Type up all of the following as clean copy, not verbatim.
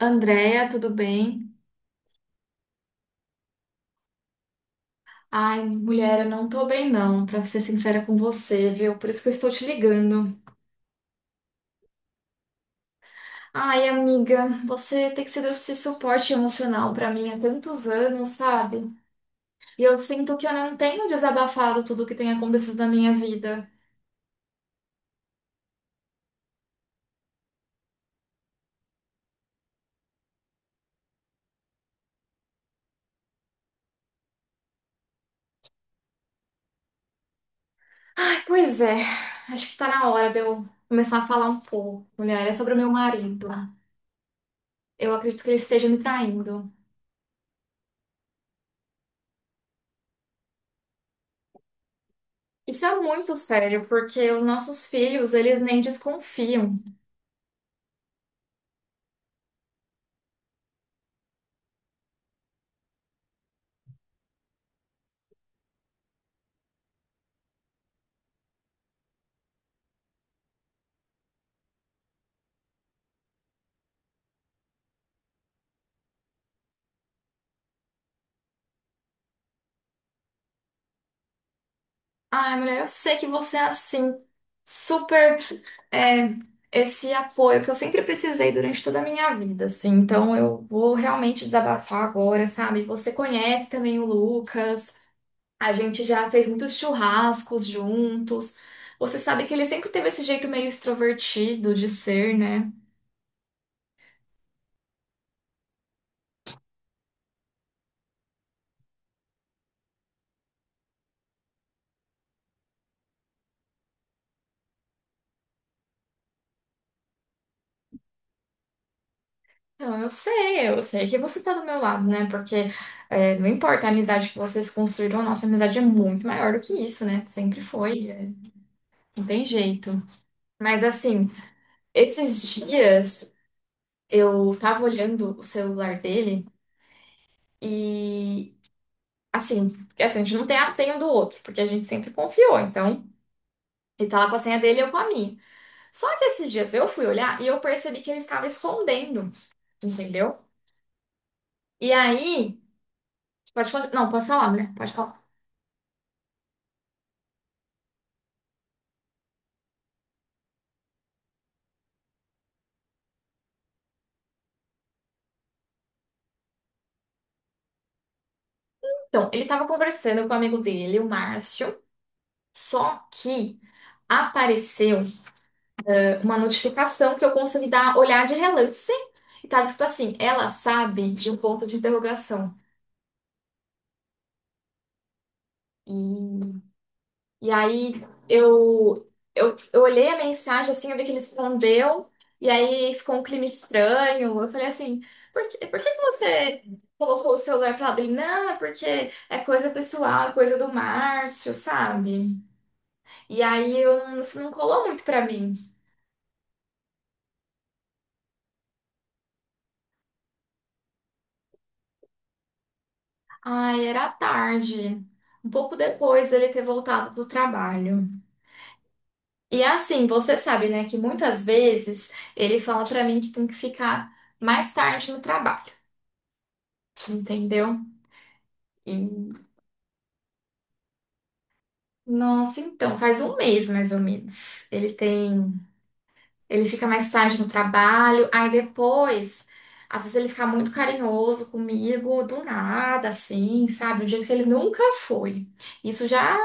Andréia, tudo bem? Ai, mulher, eu não tô bem não, pra ser sincera com você, viu? Por isso que eu estou te ligando. Ai, amiga, você tem sido esse suporte emocional pra mim há tantos anos, sabe? E eu sinto que eu não tenho desabafado tudo o que tem acontecido na minha vida. Pois é, acho que tá na hora de eu começar a falar um pouco, mulher, é sobre o meu marido. Eu acredito que ele esteja me traindo. Isso é muito sério, porque os nossos filhos, eles nem desconfiam. Ai, mulher, eu sei que você é assim, super é, esse apoio que eu sempre precisei durante toda a minha vida, assim. Então eu vou realmente desabafar agora, sabe? Você conhece também o Lucas, a gente já fez muitos churrascos juntos. Você sabe que ele sempre teve esse jeito meio extrovertido de ser, né? Então eu sei que você tá do meu lado, né? Porque não importa a amizade que vocês construíram, a nossa amizade é muito maior do que isso, né? Sempre foi, não tem jeito. Mas assim, esses dias eu tava olhando o celular dele e assim, porque, assim, a gente não tem a senha do outro, porque a gente sempre confiou, então ele tá lá com a senha dele e eu com a minha. Só que esses dias eu fui olhar e eu percebi que ele estava escondendo, entendeu? E aí, não, pode falar, né? Pode falar. Então, ele tava conversando com o amigo dele, o Márcio, só que apareceu uma notificação que eu consegui dar olhar de relance e tava escrito assim, ela sabe de um ponto de interrogação. E, e aí eu, eu olhei a mensagem assim, eu vi que ele respondeu, e aí ficou um clima estranho. Eu falei assim, por que que você colocou o celular pra lá? Ele, não, é porque é coisa pessoal, é coisa do Márcio, sabe? E aí eu, não- isso não colou muito pra mim. Ai, era tarde. Um pouco depois dele ter voltado do trabalho. E assim, você sabe, né, que muitas vezes ele fala pra mim que tem que ficar mais tarde no trabalho, entendeu? E nossa, então, faz um mês mais ou menos. Ele tem, ele fica mais tarde no trabalho, aí depois, às vezes ele fica muito carinhoso comigo do nada, assim, sabe? Do jeito que ele nunca foi. Isso já,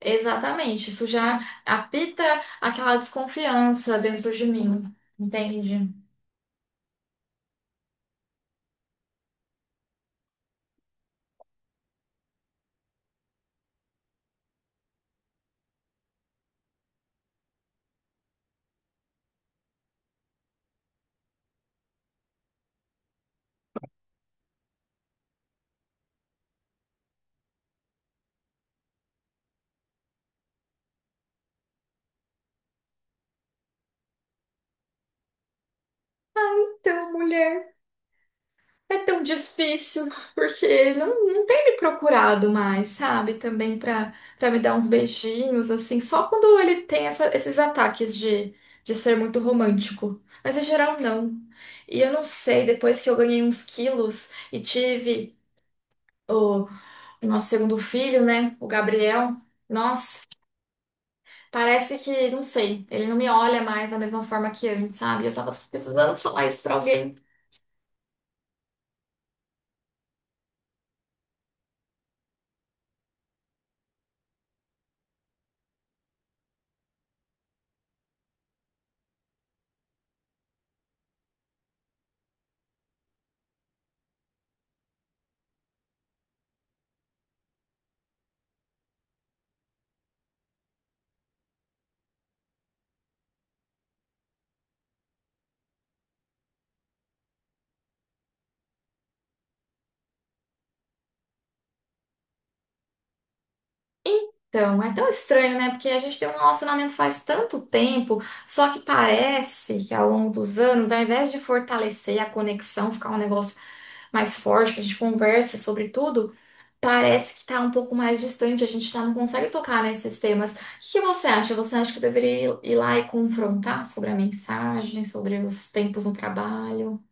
exatamente, isso já apita aquela desconfiança dentro de mim, entende? Então, mulher. É tão difícil, porque não tem me procurado mais, sabe? Também pra me dar uns beijinhos, assim, só quando ele tem esses ataques de, ser muito romântico. Mas em geral, não. E eu não sei, depois que eu ganhei uns quilos e tive o, nosso segundo filho, né? O Gabriel, nossa, parece que, não sei, ele não me olha mais da mesma forma que antes, sabe? Eu tava precisando falar isso pra alguém. Então, é tão estranho, né? Porque a gente tem um relacionamento faz tanto tempo, só que parece que ao longo dos anos, ao invés de fortalecer a conexão, ficar um negócio mais forte, que a gente conversa sobre tudo, parece que tá um pouco mais distante, a gente tá, não consegue tocar nesses temas. O que que você acha? Você acha que eu deveria ir lá e confrontar sobre a mensagem, sobre os tempos no trabalho?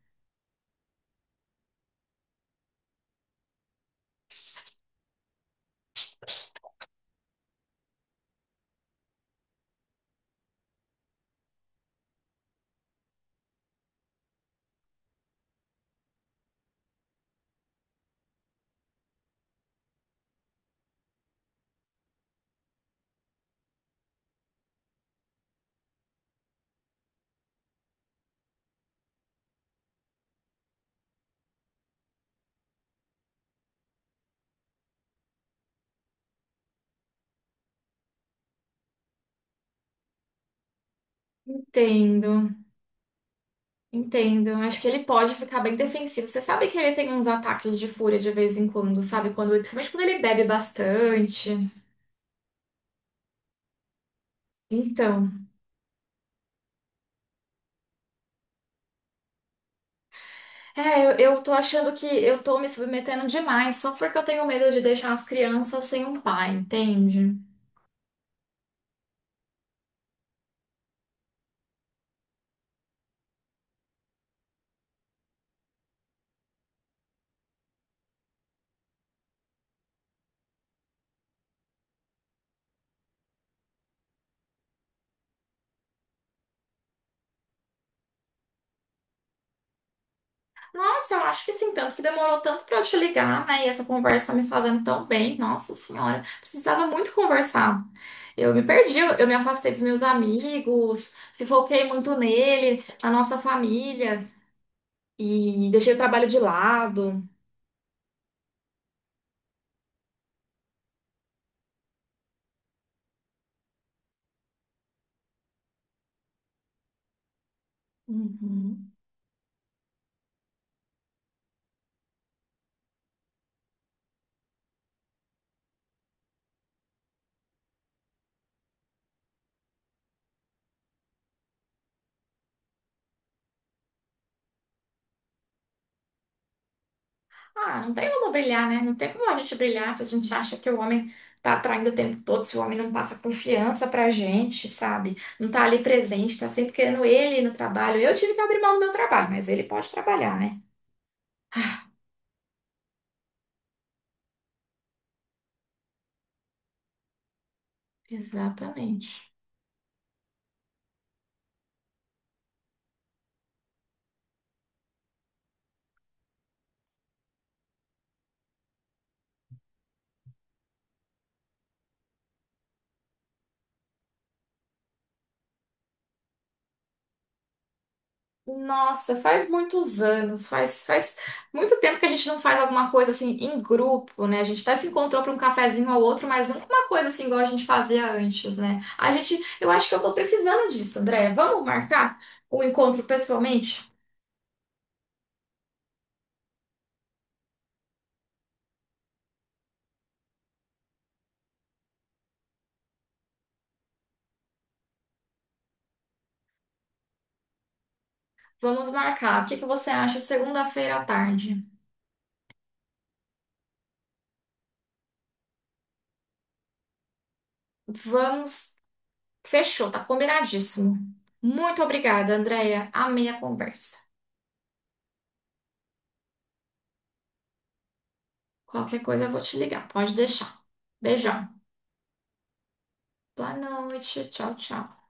Entendo. Entendo. Acho que ele pode ficar bem defensivo. Você sabe que ele tem uns ataques de fúria de vez em quando, sabe? Quando, principalmente quando ele bebe bastante. Então, eu tô achando que eu tô me submetendo demais só porque eu tenho medo de deixar as crianças sem um pai, entende? Nossa, eu acho que sim, tanto que demorou tanto pra eu te ligar, né? E essa conversa tá me fazendo tão bem. Nossa senhora, precisava muito conversar. Eu me perdi, eu me afastei dos meus amigos, foquei muito nele, na nossa família. E deixei o trabalho de lado. Uhum. Ah, não tem como brilhar, né? Não tem como a gente brilhar se a gente acha que o homem tá atraindo o tempo todo, se o homem não passa confiança pra gente, sabe? Não tá ali presente, tá sempre querendo ele no trabalho. Eu tive que abrir mão do meu trabalho, mas ele pode trabalhar, né? Exatamente. Nossa, faz muitos anos, faz muito tempo que a gente não faz alguma coisa assim em grupo, né? A gente até se encontrou para um cafezinho ou outro, mas nunca uma coisa assim igual a gente fazia antes, né? A gente, eu acho que eu tô precisando disso, André. Vamos marcar o encontro pessoalmente? Vamos marcar. O que que você acha segunda-feira à tarde? Vamos. Fechou, tá combinadíssimo. Muito obrigada, Andréia. Amei a conversa. Qualquer coisa eu vou te ligar, pode deixar. Beijão. Boa noite. Tchau, tchau.